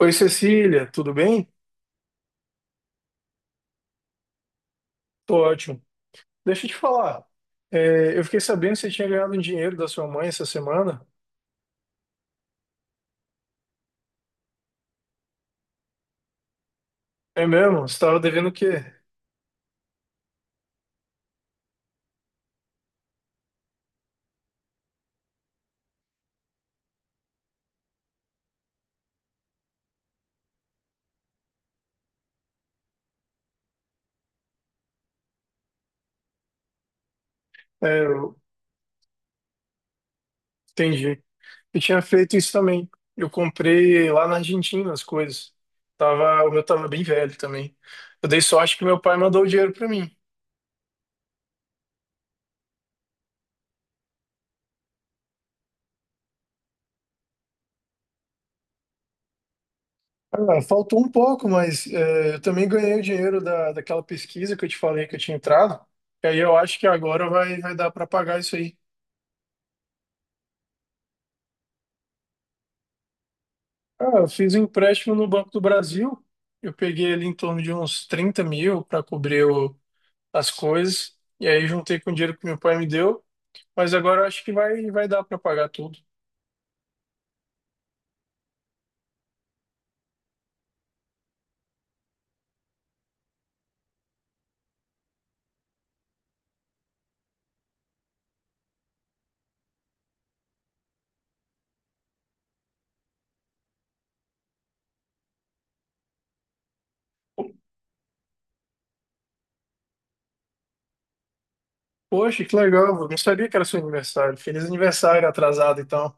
Oi, Cecília, tudo bem? Tô ótimo. Deixa eu te falar. Eu fiquei sabendo que você tinha ganhado um dinheiro da sua mãe essa semana. É mesmo? Você estava devendo o quê? É, eu entendi. Eu tinha feito isso também. Eu comprei lá na Argentina as coisas. Tava, o meu tava bem velho também. Eu dei sorte que meu pai mandou o dinheiro para mim. Ah, faltou um pouco, mas é, eu também ganhei o dinheiro daquela pesquisa que eu te falei que eu tinha entrado. E aí eu acho que agora vai dar para pagar isso aí. Ah, eu fiz um empréstimo no Banco do Brasil. Eu peguei ali em torno de uns 30.000 para cobrir as coisas. E aí juntei com o dinheiro que meu pai me deu. Mas agora eu acho que vai dar para pagar tudo. Poxa, que legal. Eu não sabia que era seu aniversário. Feliz aniversário atrasado, então.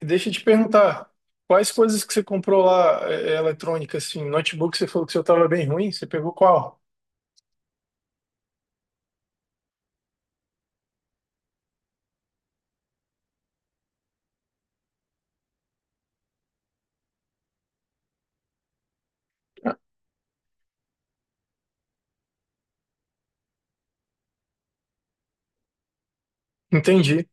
E deixa eu te perguntar, quais coisas que você comprou lá, eletrônica, assim, notebook, você falou que o seu estava bem ruim. Você pegou qual? Entendi.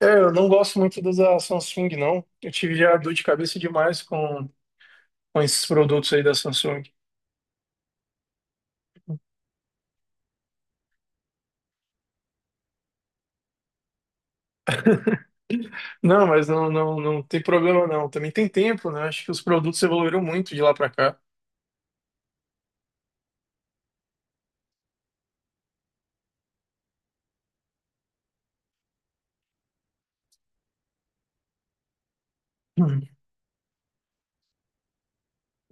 É, eu não gosto muito das da Samsung, não. Eu tive já dor de cabeça demais com esses produtos aí da Samsung. Não, mas não tem problema não. Também tem tempo, né? Acho que os produtos evoluíram muito de lá pra cá. Hum.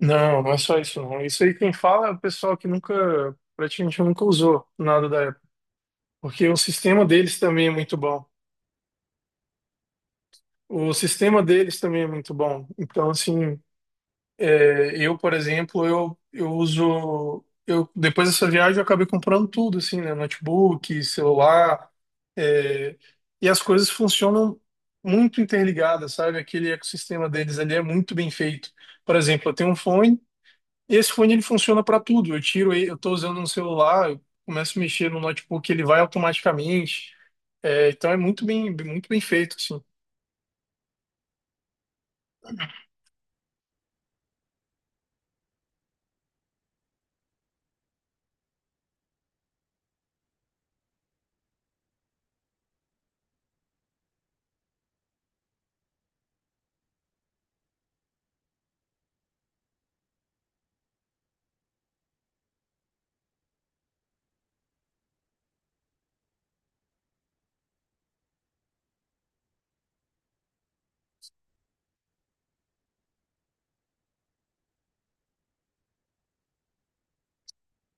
Não, não é só isso não. Isso aí quem fala é o pessoal que nunca, praticamente nunca usou nada da Apple. Porque o sistema deles também é muito bom. O sistema deles também é muito bom. Então, assim, é, por exemplo, eu uso. Eu, depois dessa viagem, eu acabei comprando tudo, assim, né? Notebook, celular. é, e as coisas funcionam muito interligadas, sabe? Aquele ecossistema deles ali é muito bem feito. Por exemplo, eu tenho um fone, e esse fone ele funciona para tudo. Eu tiro, eu estou usando um celular, eu começo a mexer no notebook, ele vai automaticamente. É, então é muito bem feito, assim.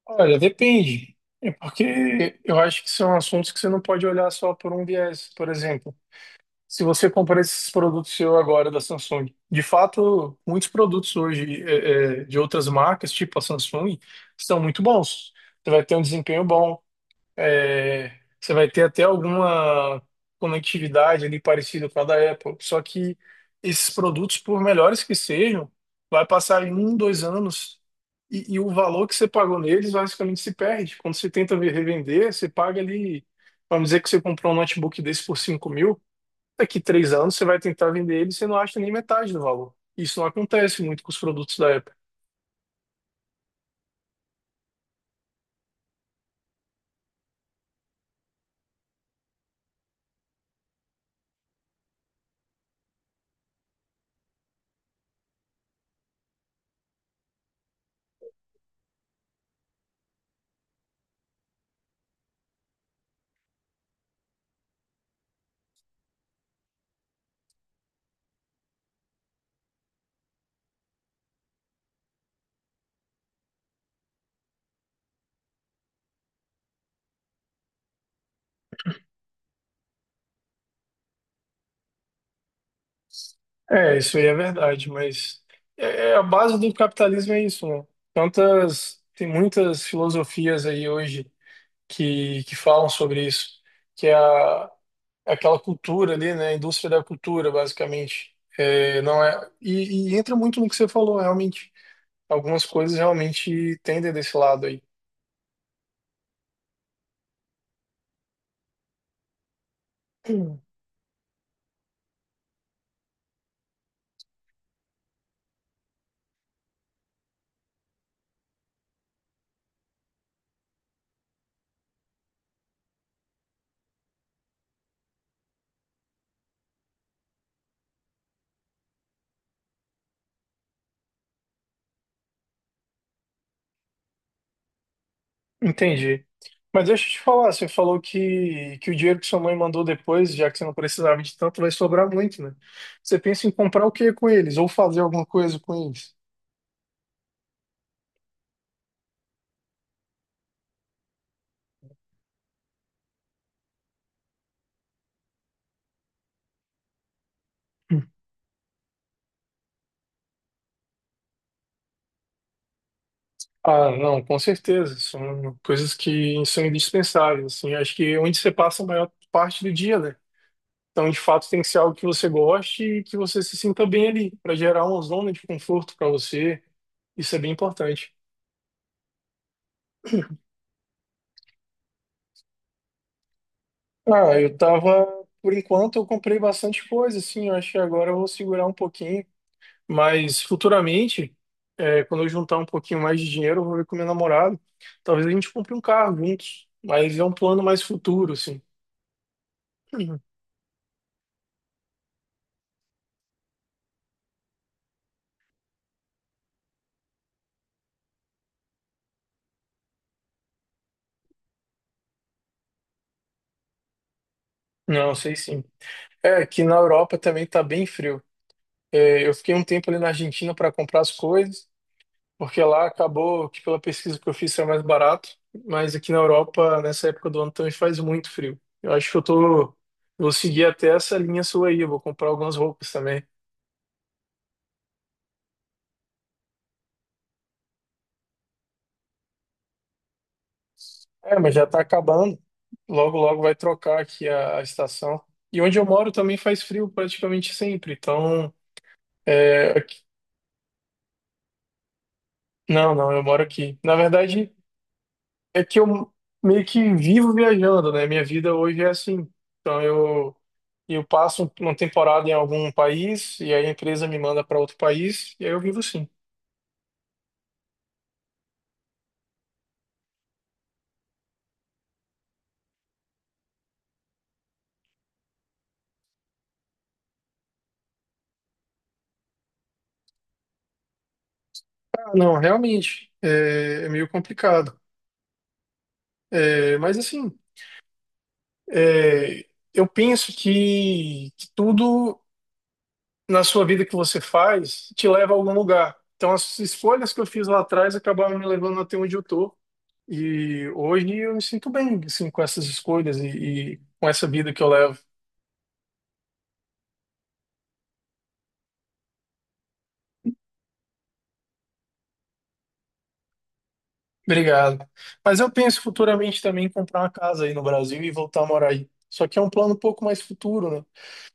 Olha, depende. É porque eu acho que são assuntos que você não pode olhar só por um viés. Por exemplo, se você comprar esses produtos seu agora da Samsung, de fato, muitos produtos hoje de outras marcas, tipo a Samsung, são muito bons. Você vai ter um desempenho bom, é, você vai ter até alguma conectividade ali parecida com a da Apple. Só que esses produtos, por melhores que sejam, vai passar em um, 2 anos e o valor que você pagou neles basicamente se perde. Quando você tenta revender, você paga ali, vamos dizer que você comprou um notebook desse por 5.000, daqui 3 anos você vai tentar vender ele e você não acha nem metade do valor. Isso não acontece muito com os produtos da Apple. É, isso aí é verdade, mas é a base do capitalismo é isso, né? Tantas, tem muitas filosofias aí hoje que falam sobre isso, que é aquela cultura ali, né? A indústria da cultura, basicamente. É, não é, e entra muito no que você falou, realmente. Algumas coisas realmente tendem desse lado aí. Entendi. Mas deixa eu te falar, você falou que o dinheiro que sua mãe mandou depois, já que você não precisava de tanto, vai sobrar muito, né? Você pensa em comprar o que com eles? Ou fazer alguma coisa com eles? Hum. Ah, não, com certeza. São coisas que são indispensáveis, assim. Acho que é onde você passa a maior parte do dia, né? Então, de fato, tem que ser algo que você goste e que você se sinta bem ali, para gerar uma zona de conforto para você. Isso é bem importante. Ah, eu tava, por enquanto eu comprei bastante coisa, assim, eu acho que agora eu vou segurar um pouquinho, mas futuramente, é, quando eu juntar um pouquinho mais de dinheiro, eu vou ver com meu namorado, talvez a gente compre um carro juntos, mas é um plano mais futuro, assim. Uhum. Não, sei sim. É, aqui na Europa também tá bem frio. É, eu fiquei um tempo ali na Argentina para comprar as coisas, porque lá acabou que pela pesquisa que eu fiz era mais barato, mas aqui na Europa, nessa época do ano, também faz muito frio. Eu acho que eu tô. Eu Vou seguir até essa linha sua aí, eu vou comprar algumas roupas também. É, mas já tá acabando. Logo, logo vai trocar aqui a estação. E onde eu moro também faz frio praticamente sempre. Então, é, não, não, eu moro aqui. Na verdade, é que eu meio que vivo viajando, né? Minha vida hoje é assim. Então eu passo uma temporada em algum país e aí a empresa me manda para outro país e aí eu vivo assim. Ah, não, realmente é, é meio complicado. É, mas assim, é, eu penso que tudo na sua vida que você faz te leva a algum lugar. Então as escolhas que eu fiz lá atrás acabaram me levando até onde eu tô. E hoje eu me sinto bem assim com essas escolhas e com essa vida que eu levo. Obrigado. Mas eu penso futuramente também em comprar uma casa aí no Brasil e voltar a morar aí. Só que é um plano um pouco mais futuro, né?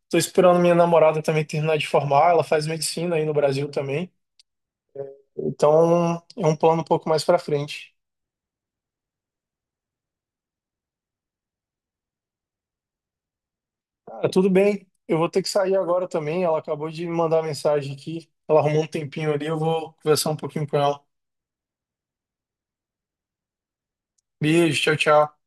Tô esperando minha namorada também terminar de formar, ela faz medicina aí no Brasil também. Então, é um plano um pouco mais pra frente. Cara, tudo bem. Eu vou ter que sair agora também. Ela acabou de me mandar mensagem aqui. Ela arrumou um tempinho ali, eu vou conversar um pouquinho com ela. Beijo, tchau, tchau.